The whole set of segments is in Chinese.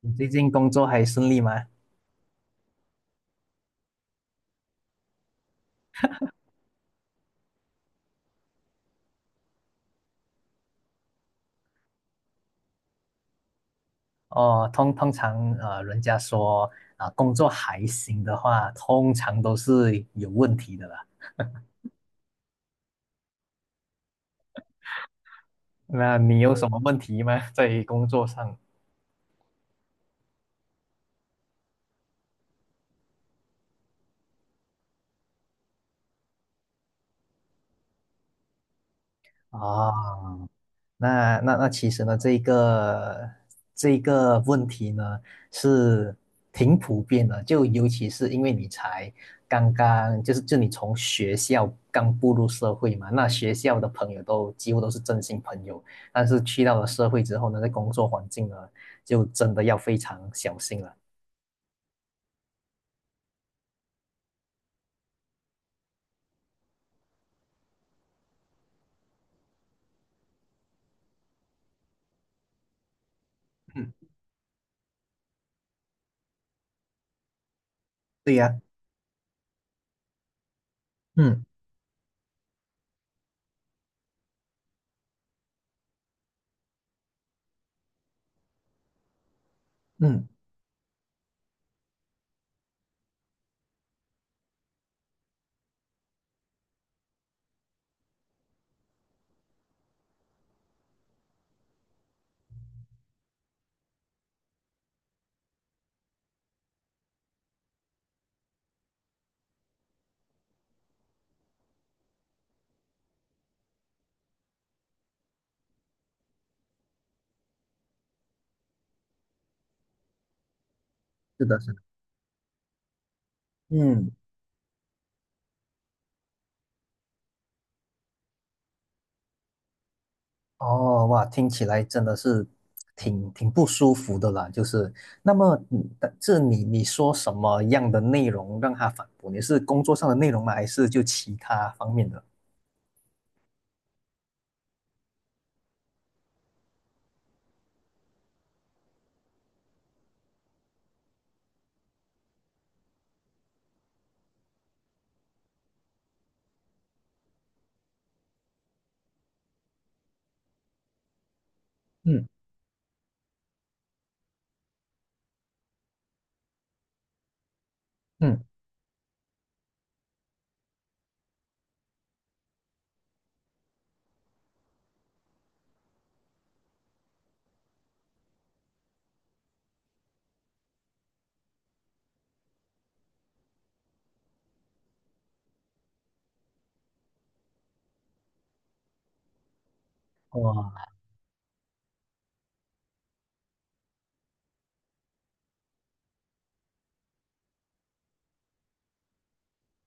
你最近工作还顺利吗？哦，通常人家说啊、工作还行的话，通常都是有问题的啦。那你有什么问题吗？在工作上啊，那其实呢，这一个问题呢是挺普遍的，就尤其是因为你才刚刚就是就你从学校刚步入社会嘛，那学校的朋友都几乎都是真心朋友，但是去到了社会之后呢，在工作环境呢，就真的要非常小心了。嗯，对呀，嗯嗯，是的，是的，嗯。哦，哇，听起来真的是挺不舒服的啦。就是，那么你，但这你说什么样的内容让他反驳？你是工作上的内容吗？还是就其他方面的？嗯嗯哇，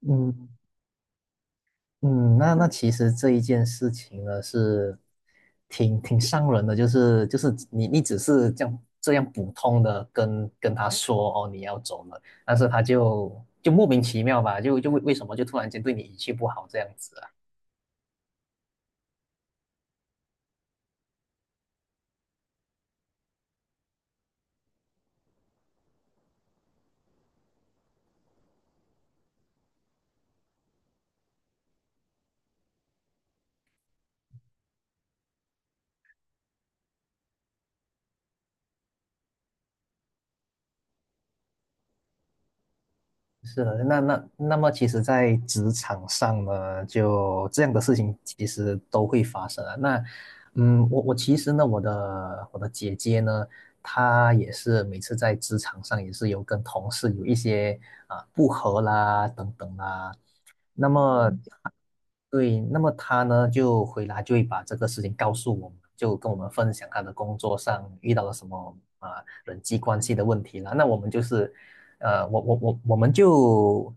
嗯嗯，那其实这一件事情呢是挺伤人的，就是就是你只是这样普通的跟他说哦你要走了，但是他就就莫名其妙吧，就就为什么就突然间对你语气不好这样子啊？是的，那那么，其实，在职场上呢，就这样的事情其实都会发生啊。那，嗯，我其实呢，我的姐姐呢，她也是每次在职场上也是有跟同事有一些啊不和啦等等啦。那么嗯对，那么他呢就回来就会把这个事情告诉我们，就跟我们分享他的工作上遇到了什么啊人际关系的问题了。那我们就是，呃，我们就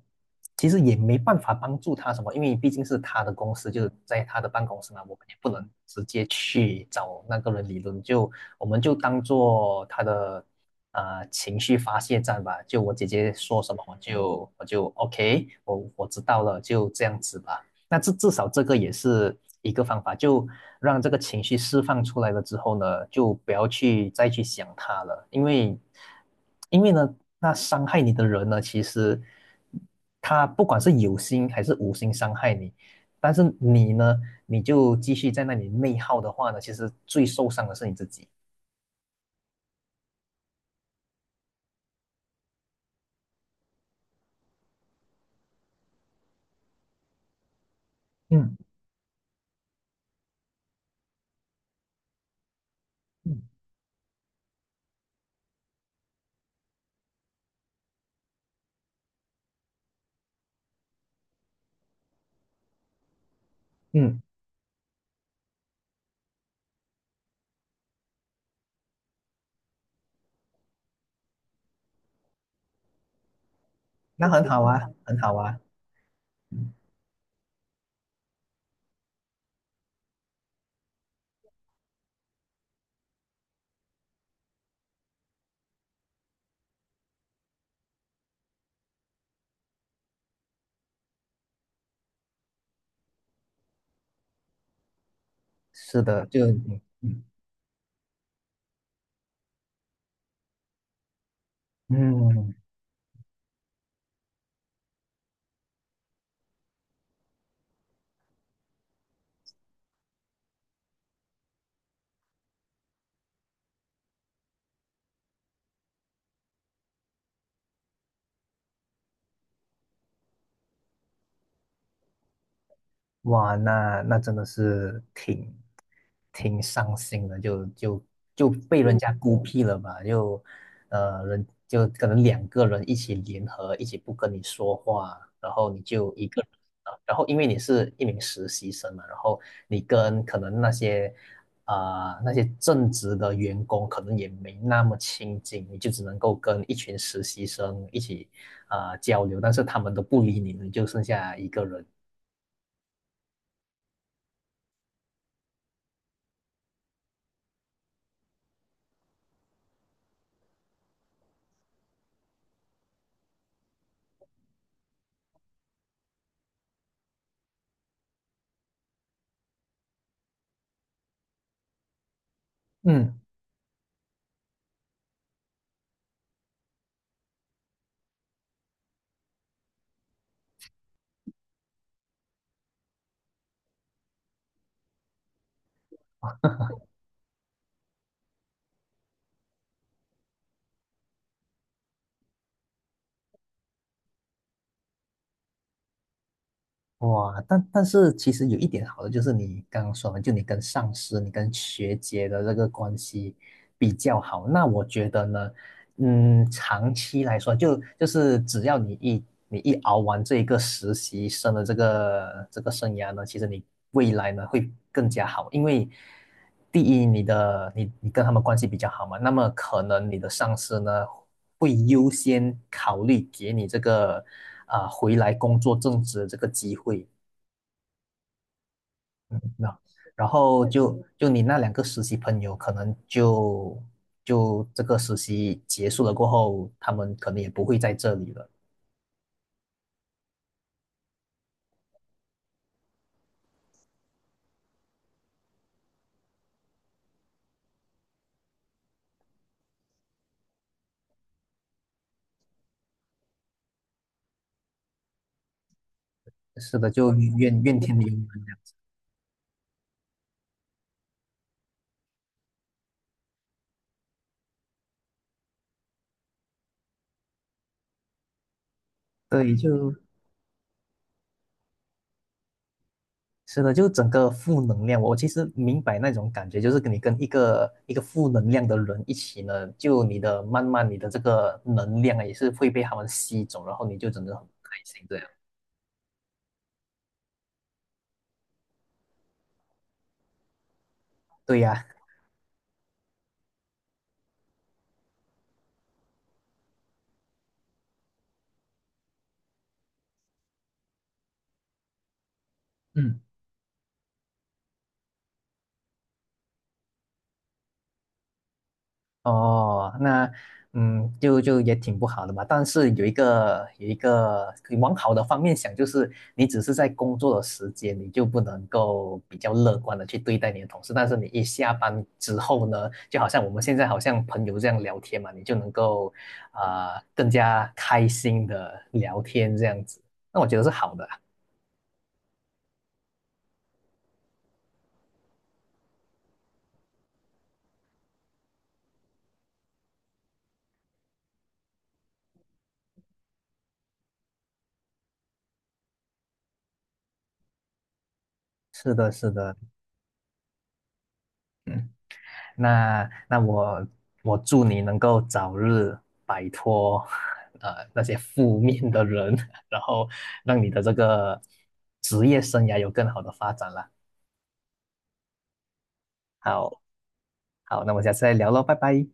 其实也没办法帮助他什么，因为毕竟是他的公司，就是在他的办公室嘛，我们也不能直接去找那个人理论，就我们就当做他的啊、情绪发泄站吧。就我姐姐说什么，我就 OK，我知道了，就这样子吧。那至少这个也是一个方法，就让这个情绪释放出来了之后呢，就不要去再去想它了，因为，因为呢，那伤害你的人呢，其实他不管是有心还是无心伤害你，但是你呢，你就继续在那里内耗的话呢，其实最受伤的是你自己。嗯嗯嗯，那很好啊，很好啊。嗯是的，就嗯嗯，哇，那真的是挺伤心的，就就被人家孤僻了吧？就呃，人就可能两个人一起联合，一起不跟你说话，然后你就一个人啊，然后因为你是一名实习生嘛，然后你跟可能那些啊、呃那些正职的员工可能也没那么亲近，你就只能够跟一群实习生一起啊、呃交流，但是他们都不理你了，你就剩下一个人。嗯。哇，但是其实有一点好的就是你刚刚说的，就你跟上司、你跟学姐的这个关系比较好。那我觉得呢，嗯，长期来说，就是只要你一熬完这一个实习生的这个生涯呢，其实你未来呢会更加好，因为第一，你的你你跟他们关系比较好嘛，那么可能你的上司呢会优先考虑给你这个啊、呃回来工作正职的这个机会，那然后就你那两个实习朋友，可能就这个实习结束了过后，他们可能也不会在这里了。是的，就怨天尤人这样对，就是的，就整个负能量。我其实明白那种感觉，就是跟你跟一个负能量的人一起呢，就你的慢慢你的这个能量啊也是会被他们吸走，然后你就整个很不开心这样。对呀。嗯。哦，那嗯，就就也挺不好的嘛。但是有一个往好的方面想，就是你只是在工作的时间，你就不能够比较乐观的去对待你的同事。但是你一下班之后呢，就好像我们现在好像朋友这样聊天嘛，你就能够啊、呃更加开心的聊天这样子。那我觉得是好的啊是的，是的，嗯。那那我我祝你能够早日摆脱呃那些负面的人，然后让你的这个职业生涯有更好的发展啦。好，好，那我们下次再聊喽，拜拜。